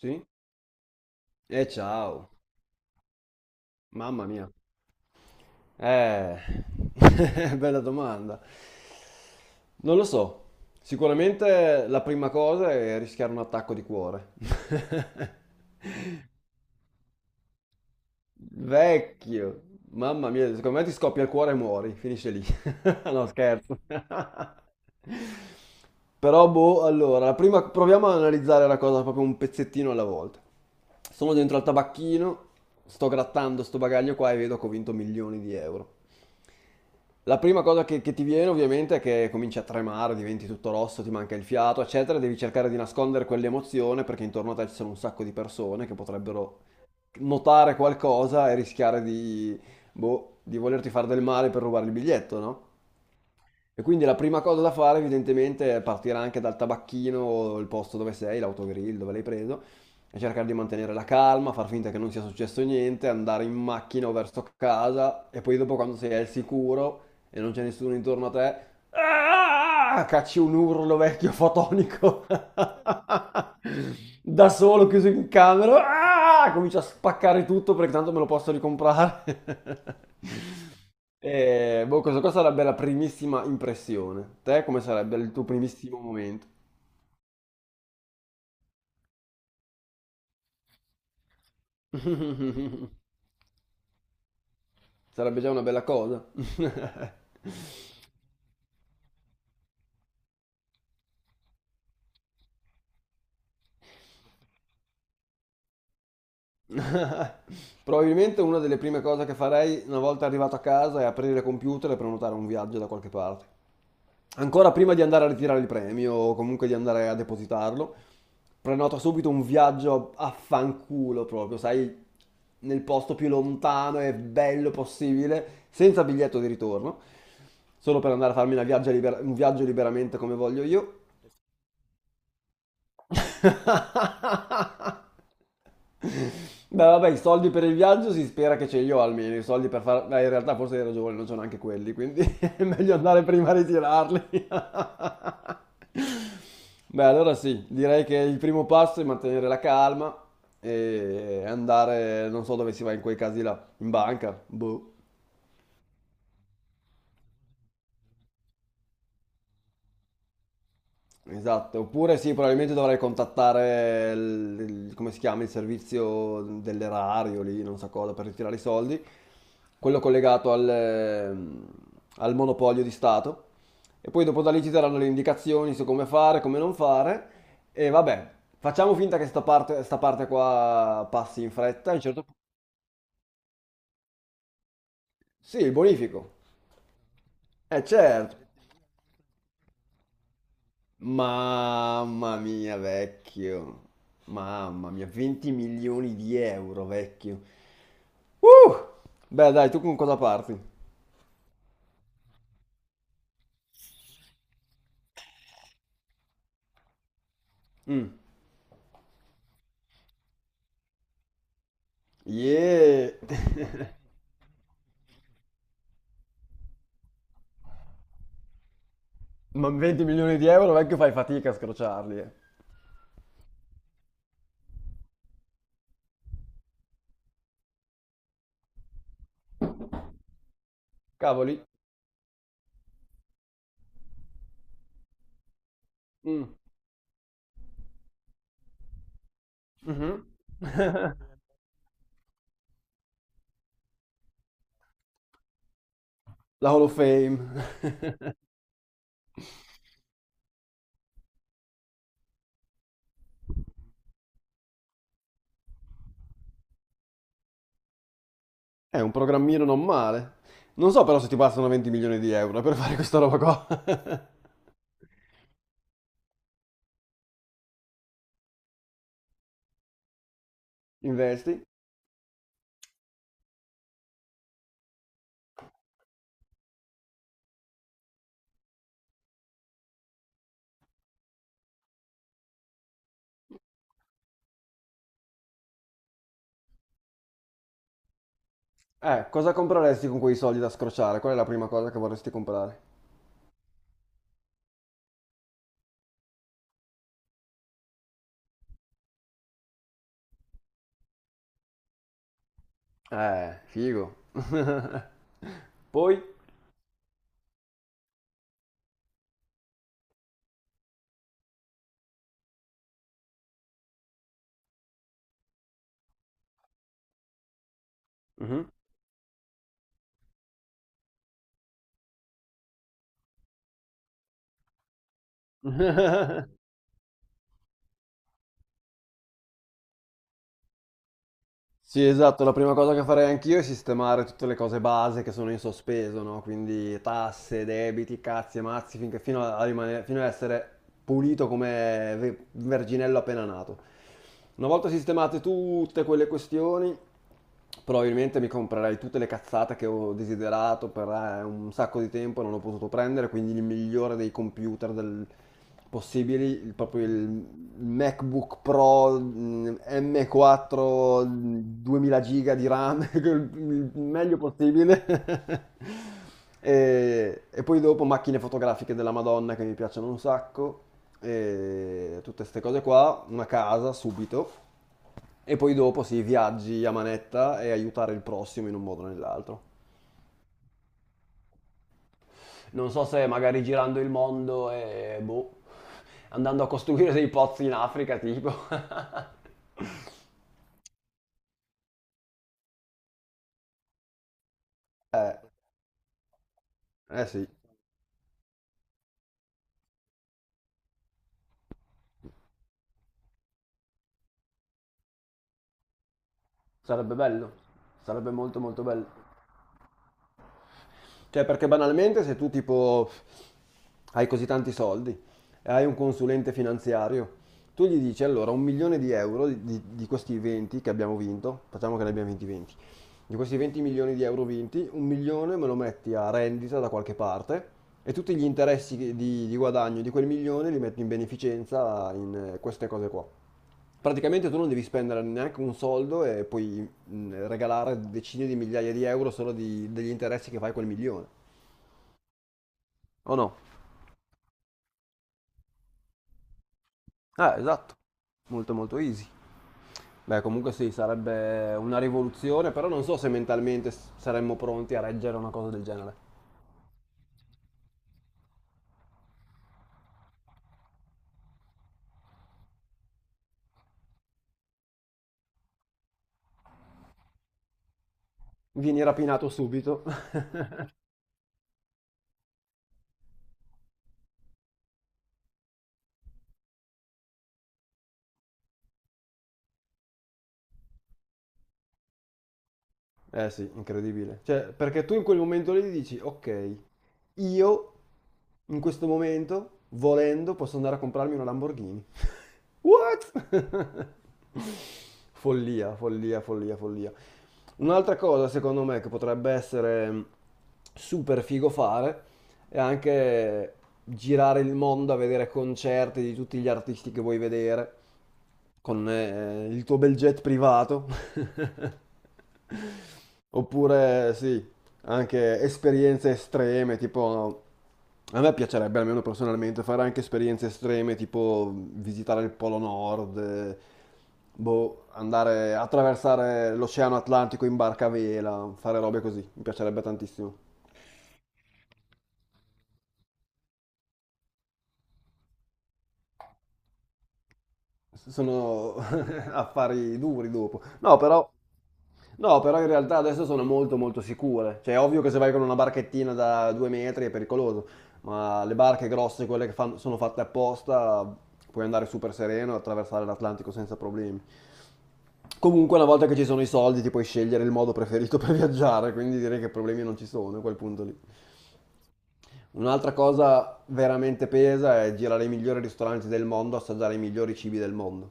Sì? E ciao, mamma mia. Eh, bella domanda. Non lo so. Sicuramente la prima cosa è rischiare un attacco di cuore. Vecchio, mamma mia, secondo me ti scoppia il cuore e muori, finisce lì. No, scherzo. Però, boh, allora, la prima, proviamo ad analizzare la cosa proprio un pezzettino alla volta. Sono dentro al tabacchino, sto grattando sto bagaglio qua e vedo che ho vinto milioni di euro. La prima cosa che ti viene ovviamente è che cominci a tremare, diventi tutto rosso, ti manca il fiato, eccetera, e devi cercare di nascondere quell'emozione perché intorno a te ci sono un sacco di persone che potrebbero notare qualcosa e rischiare di, boh, di volerti fare del male per rubare il biglietto, no? E quindi la prima cosa da fare evidentemente è partire anche dal tabacchino, il posto dove sei, l'autogrill dove l'hai preso, e cercare di mantenere la calma, far finta che non sia successo niente, andare in macchina o verso casa e poi dopo quando sei al sicuro e non c'è nessuno intorno a te, "Ah!" cacci un urlo vecchio fotonico da solo chiuso in camera, "Ah!" comincio a spaccare tutto perché tanto me lo posso ricomprare. E, boh, questa qua sarebbe la primissima impressione. Te come sarebbe il tuo primissimo momento? Sarebbe già una bella cosa. Probabilmente una delle prime cose che farei una volta arrivato a casa è aprire il computer e prenotare un viaggio da qualche parte. Ancora prima di andare a ritirare il premio o comunque di andare a depositarlo, prenoto subito un viaggio a fanculo proprio, sai, nel posto più lontano e bello possibile, senza biglietto di ritorno, solo per andare a farmi una un viaggio liberamente come voglio io. Beh, vabbè, i soldi per il viaggio si spera che ce li ho almeno, i soldi per fare... Beh, in realtà forse hai ragione, non c'ho neanche quelli, quindi è meglio andare prima a ritirarli. Beh, allora sì, direi che il primo passo è mantenere la calma e andare, non so dove si va in quei casi là, in banca, boh. Esatto, oppure sì, probabilmente dovrei contattare il come si chiama, il servizio dell'erario lì, non so cosa, per ritirare i soldi, quello collegato al monopolio di Stato. E poi dopo da lì ci daranno le indicazioni su come fare, come non fare. E vabbè, facciamo finta che sta parte qua passi in fretta. A un certo punto- Sì, il bonifico. Eh certo. Mamma mia, vecchio. Mamma mia, 20 milioni di euro, vecchio. Uh! Beh, dai, tu con cosa parti? Mm. Yeah! Ma 20 milioni di euro, vecchio, fai fatica a scrociarli, eh. Cavoli. Mm. Mhm. La Hall of Fame. È un programmino non male. Non so però se ti bastano 20 milioni di euro per fare questa roba qua. Investi? Cosa compreresti con quei soldi da scrociare? Qual è la prima cosa che vorresti comprare? Figo. Poi? Mhm. Sì, esatto, la prima cosa che farei anch'io è sistemare tutte le cose base che sono in sospeso, no? Quindi tasse, debiti, cazzi e mazzi, finché, fino a, a rimanere- fino a essere pulito come verginello appena nato. Una volta sistemate tutte quelle questioni, probabilmente mi comprerei tutte le cazzate che ho desiderato per un sacco di tempo e non ho potuto prendere, quindi il migliore dei computer possibili, proprio il MacBook Pro M4 2000 giga di RAM, il meglio possibile. E poi dopo macchine fotografiche della Madonna che mi piacciono un sacco, e tutte queste cose qua, una casa subito. E poi dopo si viaggi a manetta e aiutare il prossimo in un modo o nell'altro. Non so se magari girando il mondo e boh, andando a costruire dei pozzi in Africa, tipo. Eh, eh sì, sarebbe bello, sarebbe molto molto bello. Cioè, perché banalmente se tu tipo hai così tanti soldi e hai un consulente finanziario, tu gli dici allora un milione di euro di questi 20 che abbiamo vinto, facciamo che ne abbiamo vinti 20, di questi 20 milioni di euro vinti, un milione me lo metti a rendita da qualche parte e tutti gli interessi di guadagno di quel milione li metti in beneficenza in queste cose qua. Praticamente tu non devi spendere neanche un soldo e puoi regalare decine di migliaia di euro solo di- degli interessi che fai quel milione. O no? Esatto. Molto molto easy. Beh, comunque sì, sarebbe una rivoluzione, però non so se mentalmente saremmo pronti a reggere una cosa del genere. Vieni rapinato subito Eh sì, incredibile. Cioè, perché tu in quel momento lì dici, ok, io in questo momento, volendo, posso andare a comprarmi una Lamborghini. What? Follia, follia, follia, follia. Un'altra cosa, secondo me, che potrebbe essere super figo fare è anche girare il mondo a vedere concerti di tutti gli artisti che vuoi vedere con il tuo bel jet privato. Oppure sì, anche esperienze estreme, tipo a me piacerebbe almeno personalmente fare anche esperienze estreme, tipo visitare il Polo Nord, boh, andare a attraversare l'Oceano Atlantico in barca a vela, fare robe così, mi piacerebbe tantissimo. Sono affari duri dopo. No, però, no, però in realtà adesso sono molto molto sicure. Cioè, è ovvio che se vai con una barchettina da 2 metri è pericoloso, ma le barche grosse, quelle che sono fatte apposta, puoi andare super sereno e attraversare l'Atlantico senza problemi. Comunque, una volta che ci sono i soldi, ti puoi scegliere il modo preferito per viaggiare, quindi direi che problemi non ci sono a quel punto lì. Un'altra cosa veramente pesa è girare i migliori ristoranti del mondo, assaggiare i migliori cibi del mondo.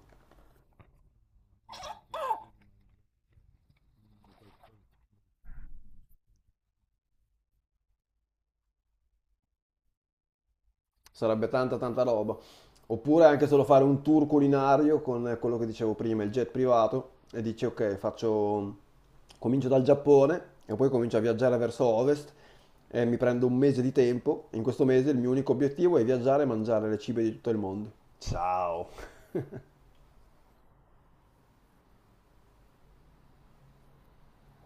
Sarebbe tanta tanta roba. Oppure anche solo fare un tour culinario con quello che dicevo prima, il jet privato, e dici ok, faccio... comincio dal Giappone e poi comincio a viaggiare verso ovest e mi prendo un mese di tempo. In questo mese il mio unico obiettivo è viaggiare e mangiare le cibi di tutto il mondo. Ciao.